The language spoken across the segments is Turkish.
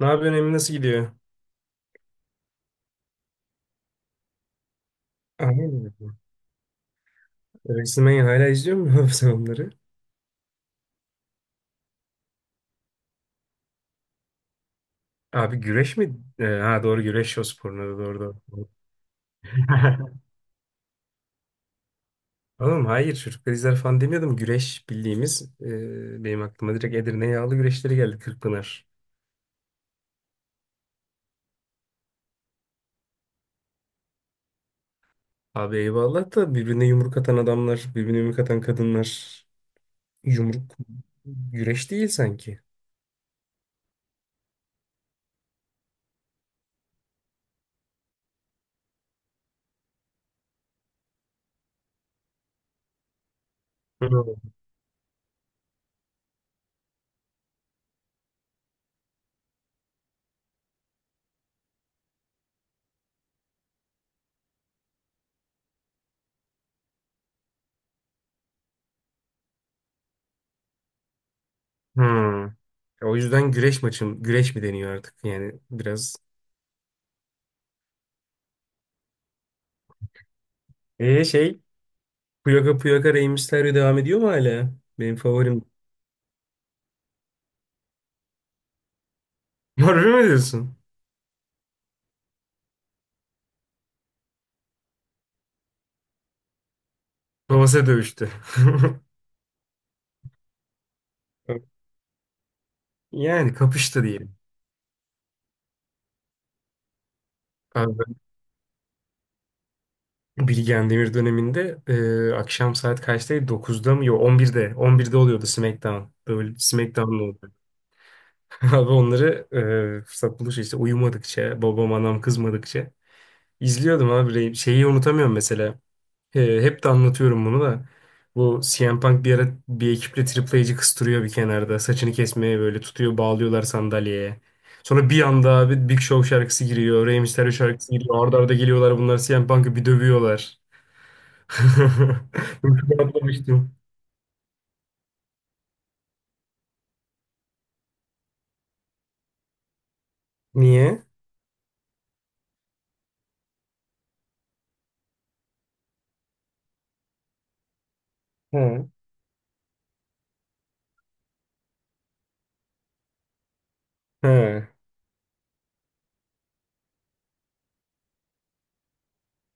Ne yapıyorsun Emin, nasıl gidiyor? Aynen. Resmen hala izliyor musun sen onları? Abi güreş mi? Ha doğru, güreş o sporuna da doğru doğru. Oğlum hayır, çocuklar izler falan demiyordum. Güreş bildiğimiz, benim aklıma direkt Edirne yağlı güreşleri geldi, Kırkpınar. Abi eyvallah da, birbirine yumruk atan adamlar, birbirine yumruk atan kadınlar, yumruk güreş değil sanki. Hı. Hmm. O yüzden güreş güreş mi deniyor artık, yani biraz. E şey Puyaka Puyaka Rey Mysterio devam ediyor mu hala? Benim favorim. Harbi mi diyorsun? Babası dövüştü. Yani kapıştı diyelim. Abi ben Bilgehan Demir döneminde, akşam saat kaçtaydı? Dokuzda mı? Yok, on birde? On birde oluyordu SmackDown. Böyle SmackDown'da oldu. Abi onları, fırsat buluşu işte, uyumadıkça, babam anam kızmadıkça izliyordum abi. Şeyi unutamıyorum mesela. Hep de anlatıyorum bunu da. Bu CM Punk bir ara bir ekiple Triple H'ci kıstırıyor bir kenarda. Saçını kesmeye böyle tutuyor, bağlıyorlar sandalyeye. Sonra bir anda abi Big Show şarkısı giriyor. Rey Mysterio şarkısı giriyor. Arda arda geliyorlar, bunlar CM Punk'ı bir dövüyorlar. Bunu çok atlamıştım. Niye? He. He.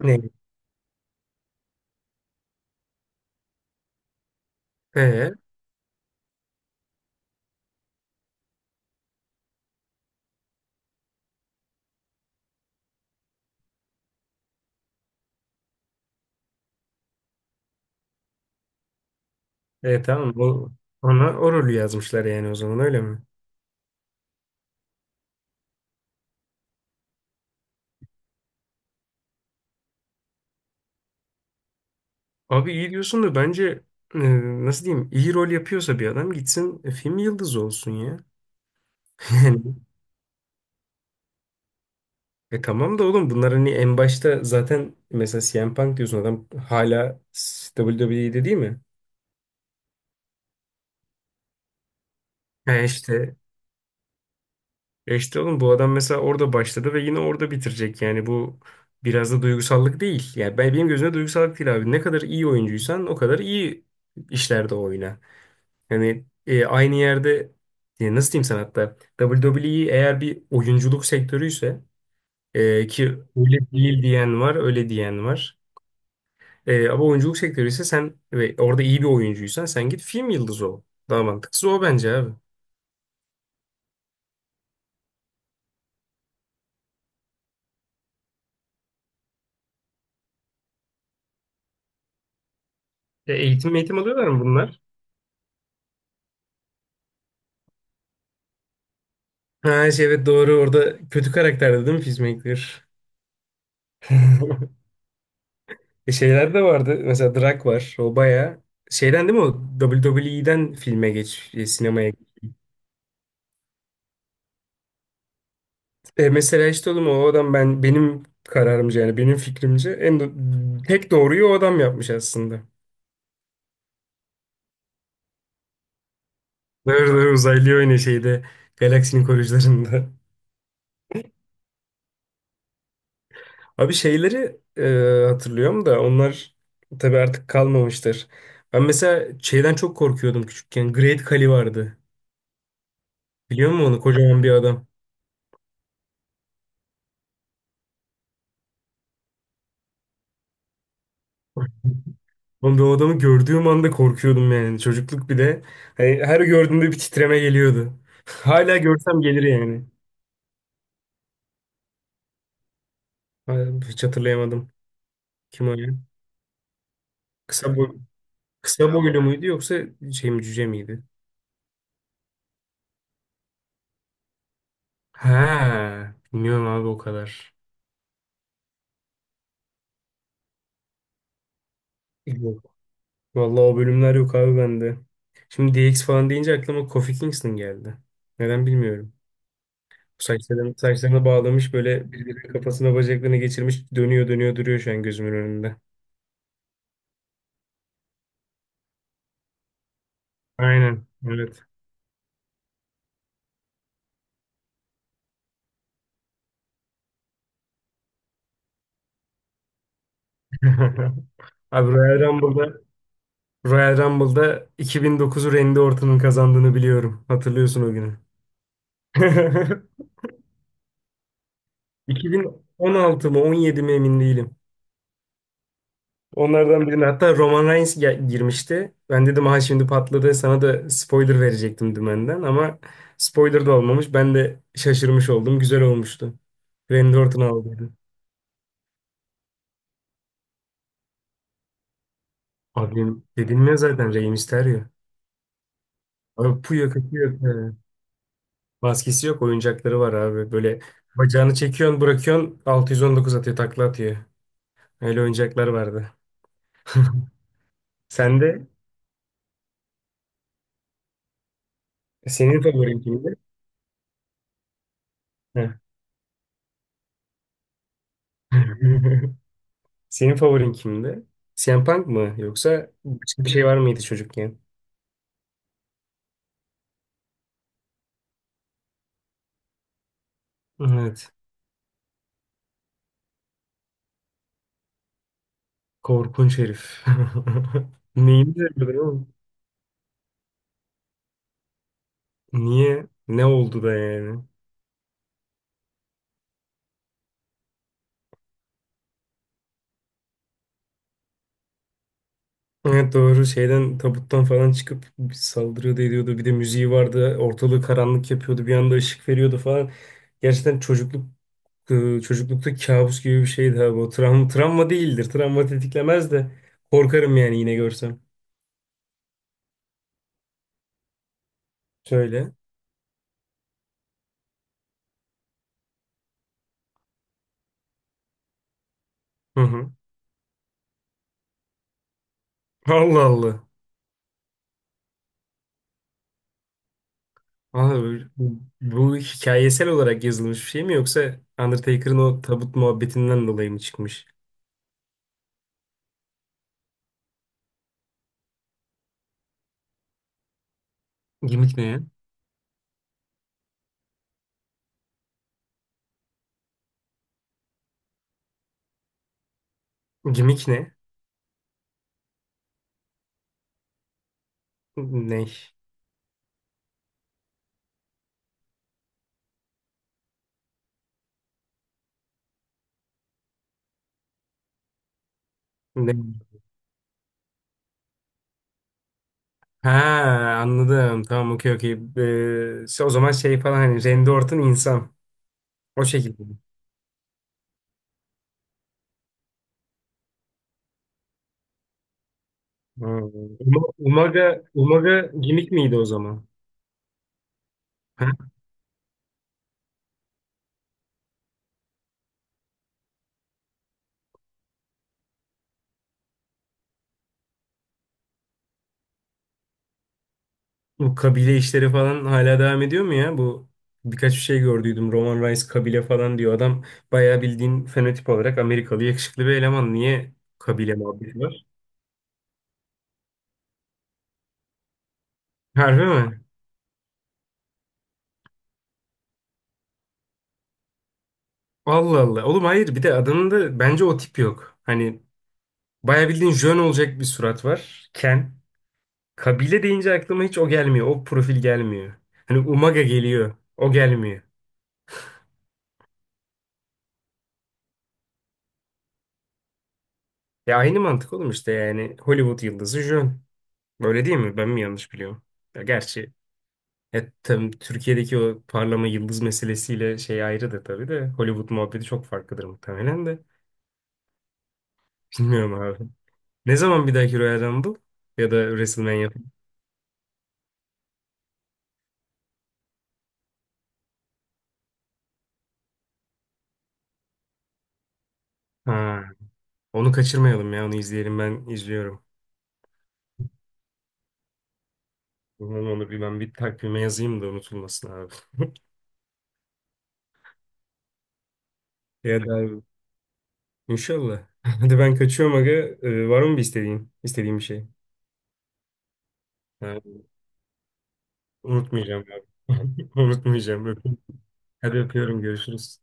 Ne? He. E tamam. Ona o rolü yazmışlar yani o zaman, öyle mi? Abi iyi diyorsun da bence e, nasıl diyeyim, iyi rol yapıyorsa bir adam gitsin, film yıldızı olsun ya. Yani, tamam da oğlum bunlar hani en başta zaten mesela CM Punk diyorsun, adam hala WWE'de değil mi? He işte oğlum bu adam mesela orada başladı ve yine orada bitirecek yani bu biraz da duygusallık değil. Yani benim gözümde duygusallık değil abi. Ne kadar iyi oyuncuysan o kadar iyi işlerde oyna. Yani, aynı yerde, nasıl diyeyim sana, hatta WWE eğer bir oyunculuk sektörüyse ki öyle değil diyen var, öyle diyen var. Ama oyunculuk sektörü ise sen ve orada iyi bir oyuncuysan sen git film yıldızı ol. Daha mantıklısı o bence abi. Eğitim alıyorlar mı bunlar? Ha şey, evet doğru, orada kötü karakterdi değil mi Peacemaker? Şeyler de vardı. Mesela Drak var. O bayağı şeyden değil mi o? W W E'den filme geç, sinemaya git. Mesela işte oğlum o adam, benim kararımca yani benim fikrimce, en tek doğruyu o adam yapmış aslında. Doğru doğru, uzaylı oynuyor şeyde. Galaksinin koruyucularında. Abi şeyleri, hatırlıyorum da onlar tabii artık kalmamıştır. Ben mesela şeyden çok korkuyordum küçükken. Great Kali vardı. Biliyor musun onu? Kocaman bir adam. Oğlum, ben o adamı gördüğüm anda korkuyordum yani. Çocukluk bir de. Hani her gördüğümde bir titreme geliyordu. Hala görsem gelir yani. Ay, hiç hatırlayamadım. Kim o ya? Kısa boy, kısa boylu muydu yoksa şey mi, cüce miydi? Ha, bilmiyorum abi o kadar. Vallahi o bölümler yok abi bende. Şimdi DX falan deyince aklıma Kofi Kingston geldi. Neden bilmiyorum. Saçlarını bağlamış böyle, birbirinin kafasına bacaklarını geçirmiş, dönüyor dönüyor duruyor şu an gözümün önünde. Aynen. Evet. Abi Royal Rumble'da 2009'u Randy Orton'un kazandığını biliyorum. Hatırlıyorsun o günü. 2016 mı, 17 mi emin değilim. Onlardan birine hatta Roman Reigns girmişti. Ben dedim ha şimdi patladı, sana da spoiler verecektim dümenden ama spoiler da olmamış. Ben de şaşırmış oldum. Güzel olmuştu. Randy Orton aldıydı. Abi dedilmiyor zaten, Rey Mysterio. Abi puya kaçıyor. Ee, Maskesi yok, oyuncakları var abi. Böyle bacağını çekiyorsun, bırakıyorsun, 619 atıyor, takla atıyor. Öyle oyuncaklar vardı. Sen de, senin favorin kimdi? Heh. Senin favorin kimdi? CM Punk mı yoksa başka bir şey var mıydı çocukken? Evet. Korkunç herif. Neyini öldürdü oğlum? Niye? Ne oldu da yani? Evet doğru, şeyden tabuttan falan çıkıp saldırıyordu ediyordu. Bir de müziği vardı. Ortalığı karanlık yapıyordu. Bir anda ışık veriyordu falan. Gerçekten çocuklukta kabus gibi bir şeydi ha bu. Travma değildir. Travma tetiklemez de korkarım yani yine görsem. Şöyle. Hı hı. Allah Allah. Valla bu hikayesel olarak yazılmış bir şey mi, yoksa Undertaker'ın o tabut muhabbetinden dolayı mı çıkmış? Gimik ne ya? Gimik ne? Ne? Ne? Ha, anladım. Tamam, okey okey. O zaman şey falan, hani Randy Orton insan. O şekilde. Ha. Umaga gimik miydi o zaman? Bu kabile işleri falan hala devam ediyor mu ya? Bu birkaç bir şey gördüydüm. Roman Reigns kabile falan diyor. Adam bayağı bildiğin fenotip olarak Amerikalı yakışıklı bir eleman. Niye kabile muhabbeti var? Harbi mi? Allah Allah. Oğlum hayır, bir de adamın da bence o tip yok. Hani bayağı bildiğin jön olacak bir surat var. Ken. Kabile deyince aklıma hiç o gelmiyor. O profil gelmiyor. Hani Umaga geliyor. O gelmiyor. Ya aynı mantık oğlum işte, yani Hollywood yıldızı jön. Böyle değil mi? Ben mi yanlış biliyorum? Ya gerçi, tabii Türkiye'deki o parlama yıldız meselesiyle şey ayrıdır tabii de. Hollywood muhabbeti çok farklıdır muhtemelen de. Bilmiyorum abi. Ne zaman bir dahaki Royal Rumble ya da WrestleMania? Ha, onu kaçırmayalım ya, onu izleyelim, ben izliyorum. Onu bir ben bir takvime yazayım da unutulmasın abi. Ya da inşallah. Hadi ben kaçıyorum aga. Var mı bir istediğin? İstediğin bir şey? Ha, unutmayacağım abi. Unutmayacağım. Öpüyorum. Hadi öpüyorum. Görüşürüz.